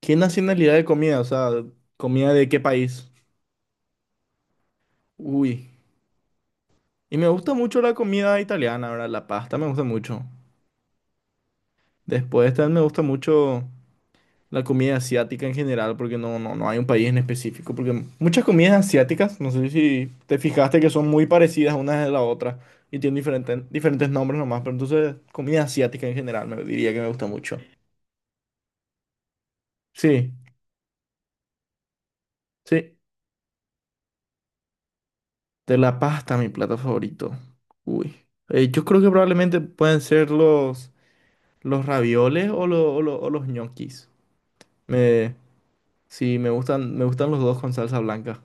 ¿Qué nacionalidad de comida? O sea, ¿comida de qué país? Uy. Y me gusta mucho la comida italiana, ¿verdad? La pasta me gusta mucho. Después también me gusta mucho la comida asiática en general, porque no hay un país en específico. Porque muchas comidas asiáticas, no sé si te fijaste que son muy parecidas una de la otra y tienen diferentes nombres nomás, pero entonces comida asiática en general me diría que me gusta mucho. Sí, sí. De la pasta, mi plato favorito. Uy. Yo creo que probablemente pueden ser los... ¿Los ravioles o los ñoquis? Me, sí, me gustan los dos con salsa blanca.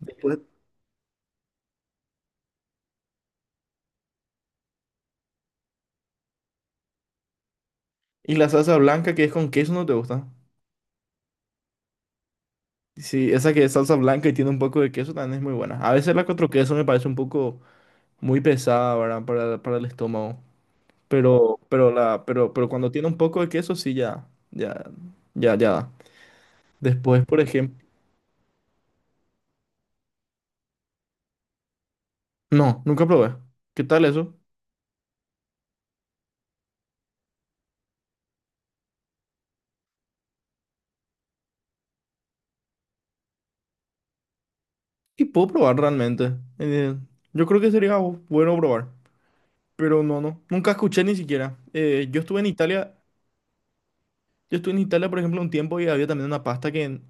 Después. Y la salsa blanca que es con queso no te gusta. Sí, esa que es salsa blanca y tiene un poco de queso también es muy buena. A veces la cuatro queso me parece un poco muy pesada, ¿verdad? Para el estómago. Pero cuando tiene un poco de queso, sí ya da. Después, por ejemplo. No, nunca probé. ¿Qué tal eso? Y puedo probar realmente. Yo creo que sería bueno probar. Pero no, nunca escuché ni siquiera. Yo estuve en Italia, por ejemplo, un tiempo y había también una pasta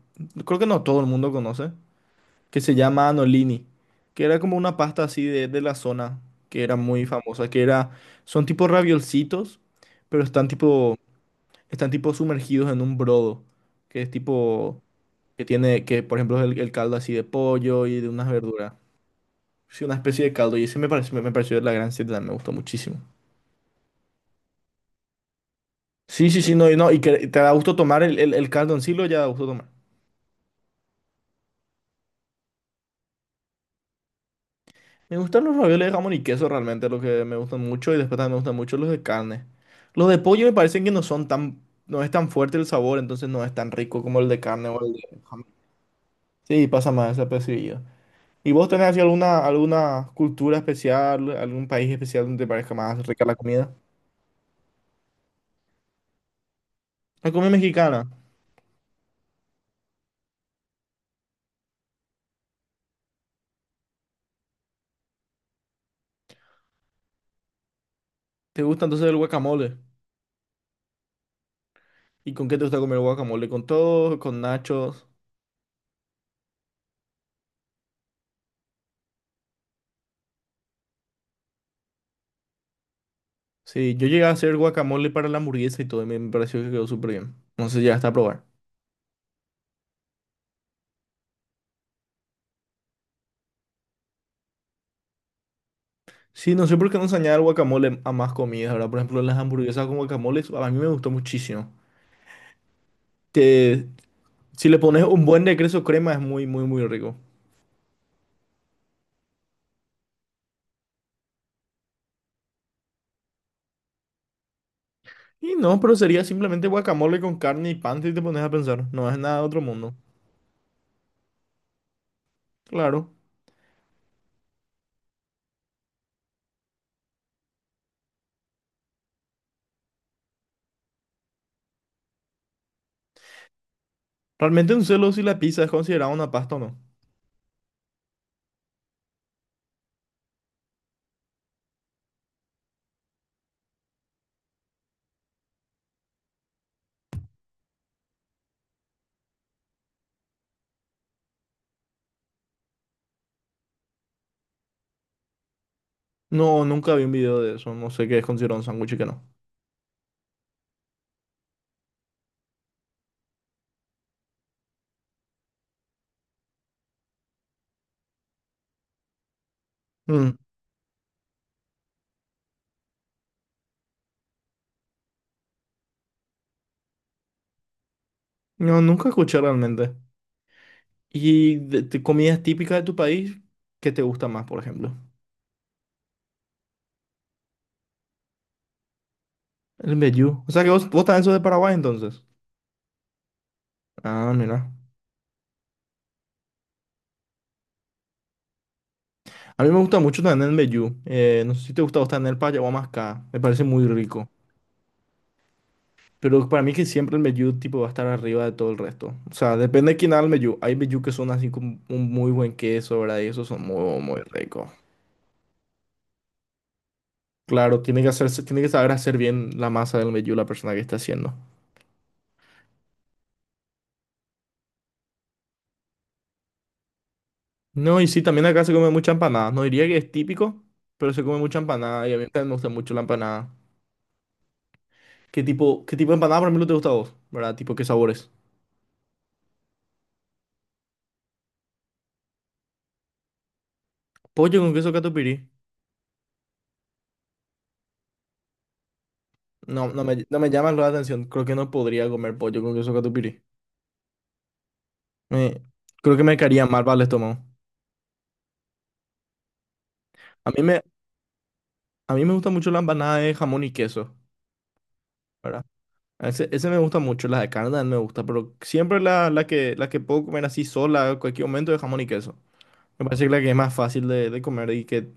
creo que no todo el mundo conoce, que se llama anolini, que era como una pasta así de la zona, que era muy famosa, que era, son tipo raviolcitos, pero están tipo, están tipo sumergidos en un brodo, que es tipo, que tiene, que por ejemplo es el caldo así de pollo y de unas verduras. Sí, una especie de caldo y ese me pareció me pareció de la gran siete, me gustó muchísimo. Sí, no, y que te da gusto tomar el caldo en sí, lo ya da gusto tomar. Me gustan los ravioles de jamón y queso realmente, los que me gustan mucho, y después también me gustan mucho los de carne. Los de pollo me parecen que no son tan, no es tan fuerte el sabor, entonces no es tan rico como el de carne o el de jamón. Sí, pasa más desapercibido. ¿Y vos tenés así alguna cultura especial, algún país especial donde te parezca más rica la comida? La comida mexicana, ¿te gusta entonces el guacamole? ¿Y con qué te gusta comer el guacamole? ¿Con todo? ¿Con nachos? Sí, yo llegué a hacer guacamole para la hamburguesa y todo, y me pareció que quedó súper bien. No sé si llegaste a probar. Sí, no sé por qué no se añade el guacamole a más comidas, ¿verdad? Por ejemplo, las hamburguesas con guacamole, eso a mí me gustó muchísimo. Te- si le pones un buen de queso crema es muy rico. Y no, pero sería simplemente guacamole con carne y pan si te pones a pensar. No es nada de otro mundo. Claro. Realmente un celo si la pizza es considerada una pasta o no. No, nunca vi un video de eso. No sé qué es considerado un sándwich y qué no. Mm, no, nunca escuché realmente. Y de comidas típicas de tu país, ¿qué te gusta más, por ejemplo? El mbejú. O sea que vos también sos de Paraguay entonces. Ah, mira. A mí me gusta mucho también el mbejú. No sé si te gusta vos también el payaguamascá. Me parece muy rico. Pero para mí que siempre el mbejú tipo va a estar arriba de todo el resto. O sea, depende de quién haga el mbejú. Hay mbejú que son así con un muy buen queso, ¿verdad? Y esos son muy, muy ricos. Claro, tiene que hacerse, tiene que saber hacer bien la masa del mbejú la persona que está haciendo. No, y sí, también acá se come mucha empanada. No diría que es típico, pero se come mucha empanada y a mí también me gusta mucho la empanada. ¿Qué tipo de empanada por ejemplo te gusta a vos? ¿Verdad? Tipo, ¿qué sabores? Pollo con queso catupiry. No me llama la atención. Creo que no podría comer pollo con queso catupiry. Me- creo que me caería mal para el estómago. A mí me, a mí me gusta mucho la empanada de jamón y queso, ¿verdad? Ese me gusta mucho, la de carne también me gusta, pero siempre la que puedo comer así sola, en cualquier momento, de jamón y queso. Me parece que la que es más fácil de comer y que,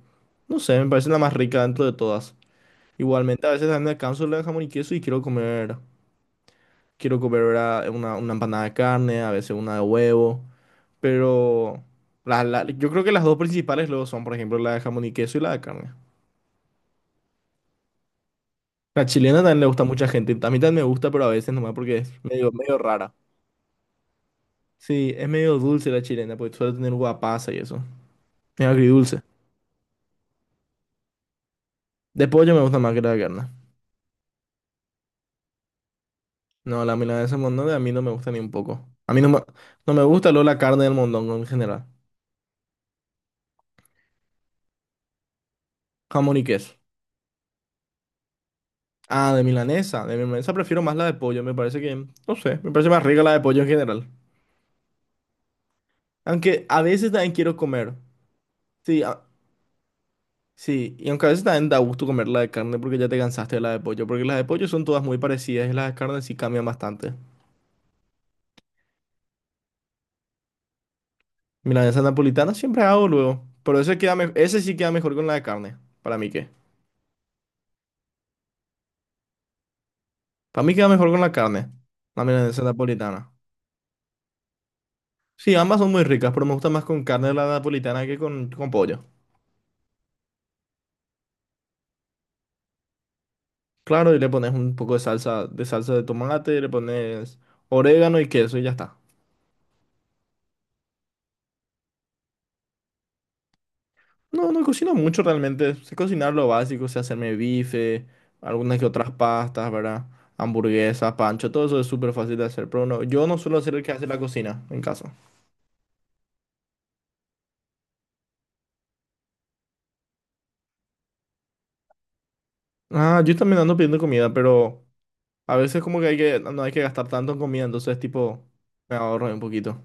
no sé, me parece la más rica dentro de todas. Igualmente, a veces también me canso la de jamón y queso y quiero comer ¿verdad? Una empanada de carne, a veces una de huevo, pero yo creo que las dos principales luego son, por ejemplo, la de jamón y queso y la de carne. La chilena también le gusta a mucha gente, a mí también me gusta, pero a veces nomás porque es medio rara. Sí, es medio dulce la chilena, porque suele tener guapasa y eso. Es agridulce. De pollo me gusta más que la de carne. No, la milanesa de mondongo a mí no me gusta ni un poco. A mí no me, No me gusta luego la carne del mondongo en general. Jamón y queso. Ah, de milanesa. De milanesa prefiero más la de pollo. Me parece que, no sé, me parece más rica la de pollo en general. Aunque a veces también quiero comer. Sí, a- sí. Y aunque a veces también da gusto comer la de carne porque ya te cansaste de la de pollo. Porque las de pollo son todas muy parecidas y las de carne sí cambian bastante. Milanesa napolitana siempre hago luego. Pero ese, queda me- ese sí queda mejor con la de carne. Para mí qué. Para mí queda mejor con la carne. La milanesa napolitana. Sí, ambas son muy ricas, pero me gusta más con carne de la napolitana que con pollo. Claro, y le pones un poco de salsa, de salsa de tomate, le pones orégano y queso y ya está. No, no cocino mucho realmente. Sé cocinar lo básico, sé hacerme bife, algunas que otras pastas, ¿verdad? Hamburguesas, pancho, todo eso es súper fácil de hacer, pero no, yo no suelo ser el que hace la cocina en casa. Ah, yo también ando pidiendo comida, pero a veces como que hay que, no hay que gastar tanto en comida, entonces tipo, me ahorro un poquito.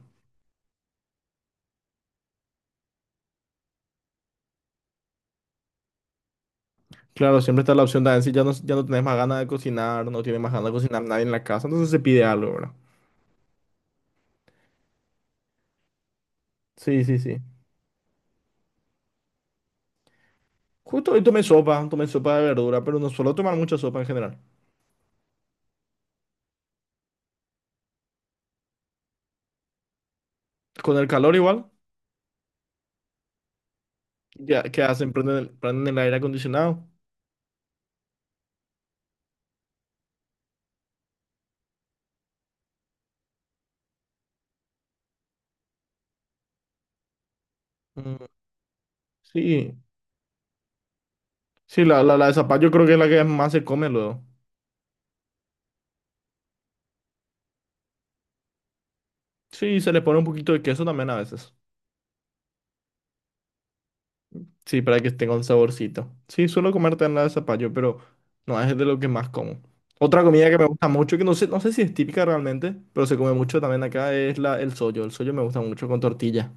Claro, siempre está la opción de "Ah, si ya no tenés más ganas de cocinar, no tiene más ganas de cocinar nadie en la casa, entonces se pide algo, ¿verdad? Sí, sí, sí. Justo hoy tomé sopa de verdura, pero no suelo tomar mucha sopa en general. Con el calor igual, ya, ¿qué hacen? Prenden prenden el aire acondicionado. Mm, sí, sí, la de zapallo creo que es la que más se come luego. Sí, se le pone un poquito de queso también a veces. Sí, para que tenga un saborcito. Sí, suelo comer nada de zapallo, pero no es de lo que más como. Otra comida que me gusta mucho, que no sé, no sé si es típica realmente, pero se come mucho también acá, es el sollo. El sollo me gusta mucho con tortilla.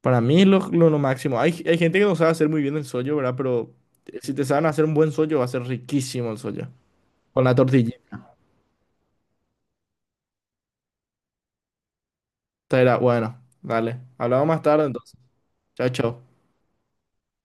Para mí es lo máximo. Hay gente que no sabe hacer muy bien el sollo, ¿verdad? Pero si te saben hacer un buen sollo, va a ser riquísimo el sollo. Con la tortilla. Esta era, bueno, dale. Hablamos más tarde entonces. Chao, chao.